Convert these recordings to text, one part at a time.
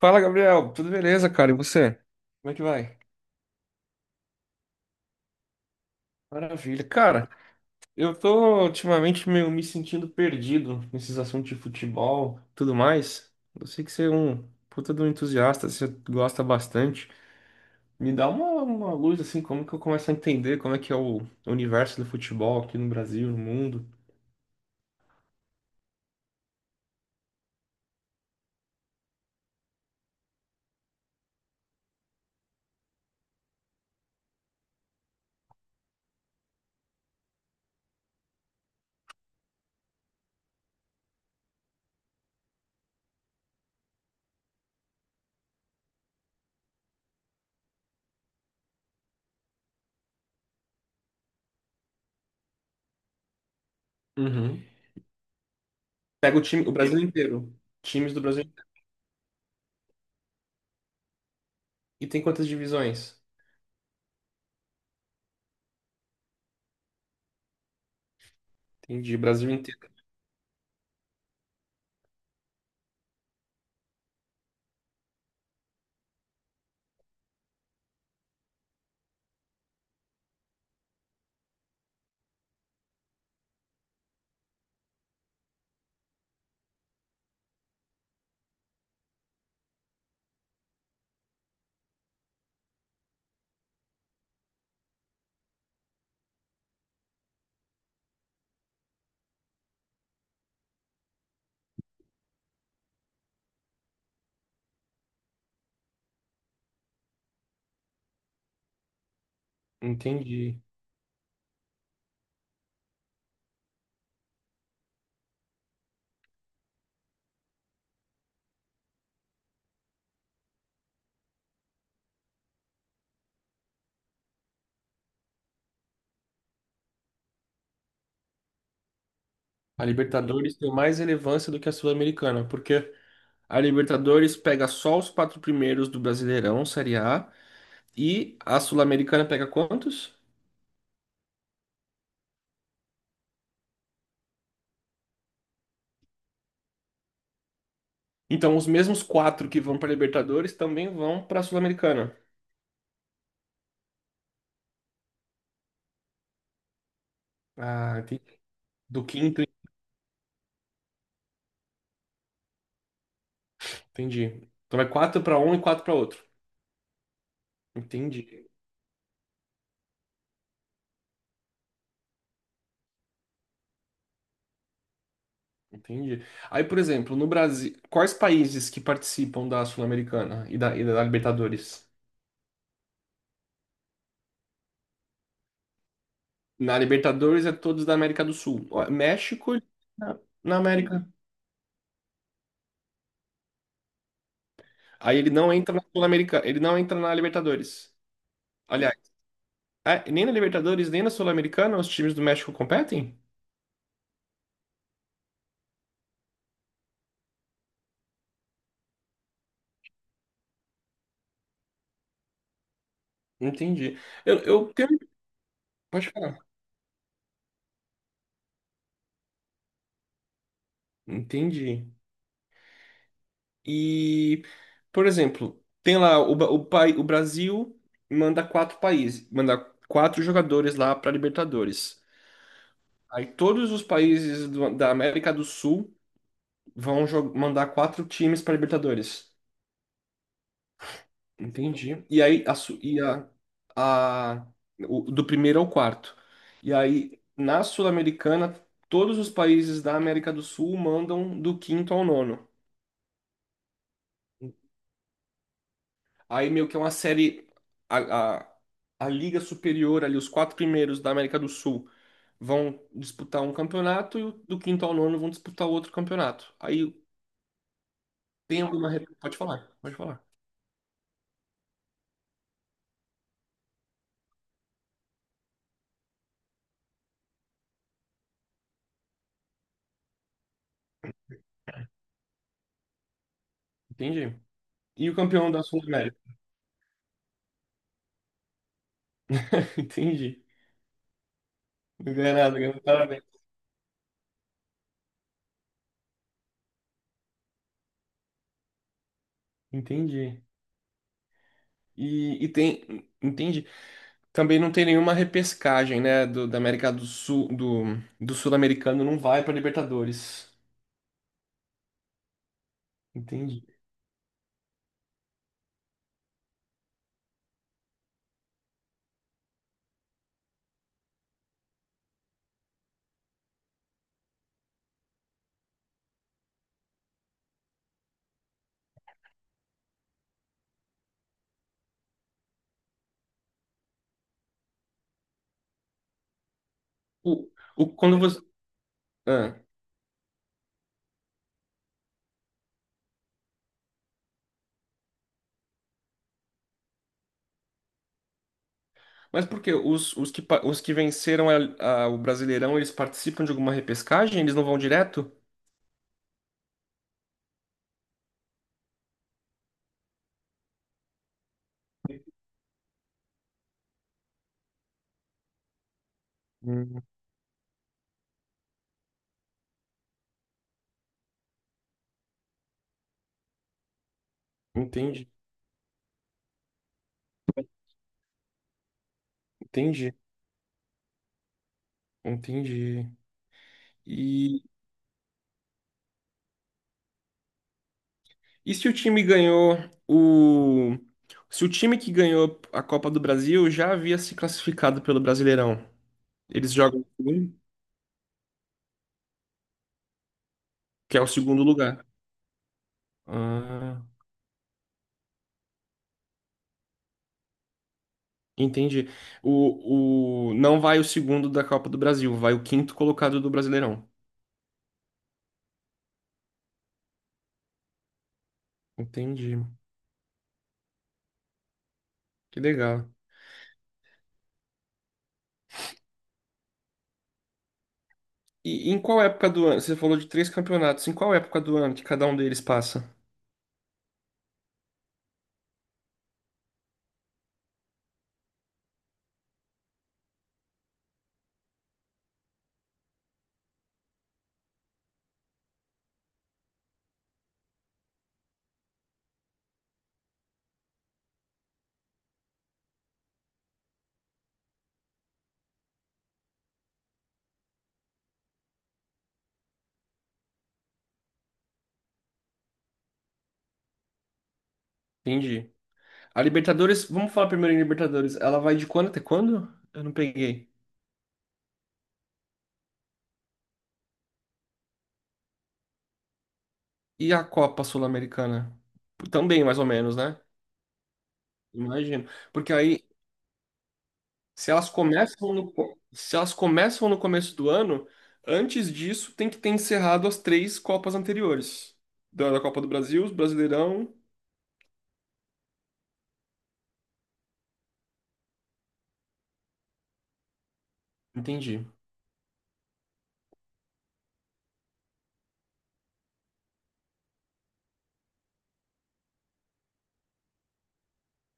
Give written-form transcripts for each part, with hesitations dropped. Fala, Gabriel. Tudo beleza, cara? E você? Como é que vai? Maravilha. Cara, eu tô ultimamente meio me sentindo perdido nesses assuntos de futebol, tudo mais. Eu sei que você é um puta de um entusiasta, você gosta bastante. Me dá uma luz, assim, como que eu começo a entender como é que é o universo do futebol aqui no Brasil, no mundo. Uhum. Pega o time, o Brasil inteiro. Times do Brasil inteiro. E tem quantas divisões? Entendi, Brasil inteiro. Entendi. A Libertadores tem mais relevância do que a Sul-Americana, porque a Libertadores pega só os quatro primeiros do Brasileirão, Série A, e a Sul-Americana pega quantos? Então, os mesmos quatro que vão para a Libertadores também vão para a Sul-Americana. Ah, entendi. Do quinto, entendi. Então, vai quatro para um e quatro para outro. Entendi, entendi. Aí, por exemplo, no Brasil, quais países que participam da Sul-Americana e da Libertadores? Na Libertadores é todos da América do Sul. Ó, México na América. Aí ele não entra na Sul-Americana, ele não entra na Libertadores. Aliás, é, nem na Libertadores, nem na Sul-Americana os times do México competem? Entendi. Eu tenho- Pode falar. Entendi. E, por exemplo, tem lá o, Ba- o, pai- o Brasil manda quatro países, manda quatro jogadores lá para Libertadores. Aí todos os países do- da América do Sul vão jo- mandar quatro times para Libertadores. Entendi. E aí, a, su- e a- o- do primeiro ao quarto. E aí, na Sul-Americana, todos os países da América do Sul mandam do quinto ao nono. Aí, meio que é uma série. A, a, a Liga Superior, ali, os quatro primeiros da América do Sul vão disputar um campeonato e o, do quinto ao nono vão disputar outro campeonato. Aí, tem alguma. Re- Pode falar, pode falar. Entendi. E o campeão da Sul-América? Entendi. Não ganha nada, ganha um parabéns. Entendi. E tem, entende? Também não tem nenhuma repescagem, né? Do, da América do Sul, do, do Sul-Americano não vai para Libertadores, entende? O, o, quando você, ah, mas por quê? Os que, pa- os que venceram a- o Brasileirão, eles participam de alguma repescagem? Eles não vão direto? Hum, entendi, entendi, entendi. E, e se o time ganhou o. Se o time que ganhou a Copa do Brasil já havia se classificado pelo Brasileirão, eles jogam. Que é o segundo lugar. Ah, entendi. O... Não vai o segundo da Copa do Brasil, vai o quinto colocado do Brasileirão. Entendi. Que legal. E em qual época do ano? Você falou de três campeonatos. Em qual época do ano que cada um deles passa? Entendi. A Libertadores, vamos falar primeiro em Libertadores. Ela vai de quando até quando? Eu não peguei. E a Copa Sul-Americana? Também, mais ou menos, né? Imagino. Porque aí se elas começam no, co- se elas começam no começo do ano, antes disso tem que ter encerrado as três Copas anteriores. Da da Copa do Brasil, os Brasileirão. Entendi,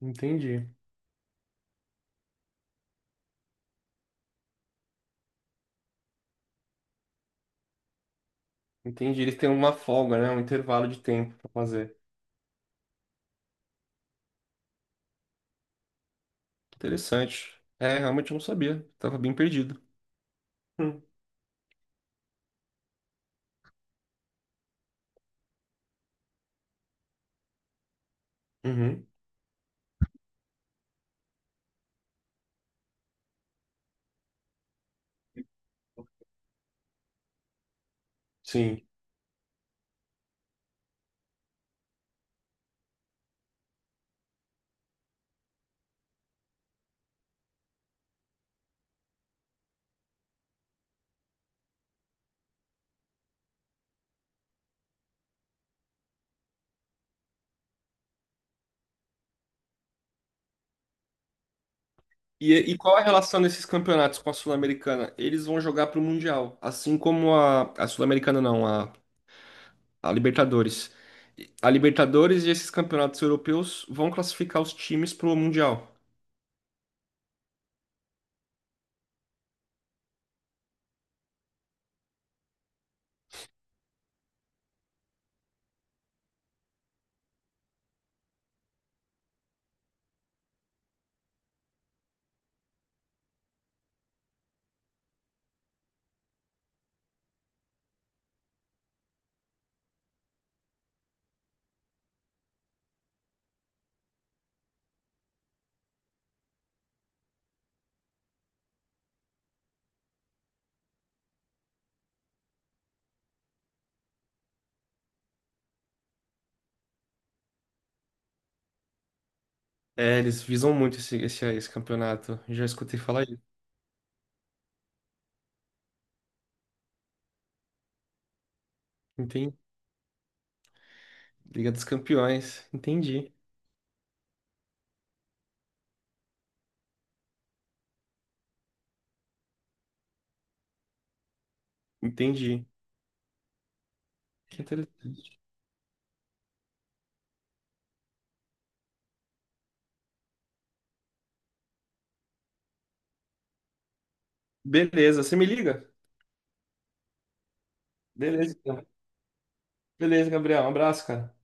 entendi, entendi. Eles têm uma folga, né? Um intervalo de tempo para fazer. Interessante. É, realmente eu não sabia. Tava bem perdido. Hum. Uhum. Sim. E qual a relação desses campeonatos com a Sul-Americana? Eles vão jogar para o Mundial, assim como a Sul-Americana não, a Libertadores. A Libertadores e esses campeonatos europeus vão classificar os times pro Mundial. É, eles visam muito esse campeonato. Já escutei falar isso. Entendi. Liga dos Campeões. Entendi. Entendi. Que interessante. Beleza, você me liga? Beleza, então. Beleza, Gabriel. Um abraço, cara.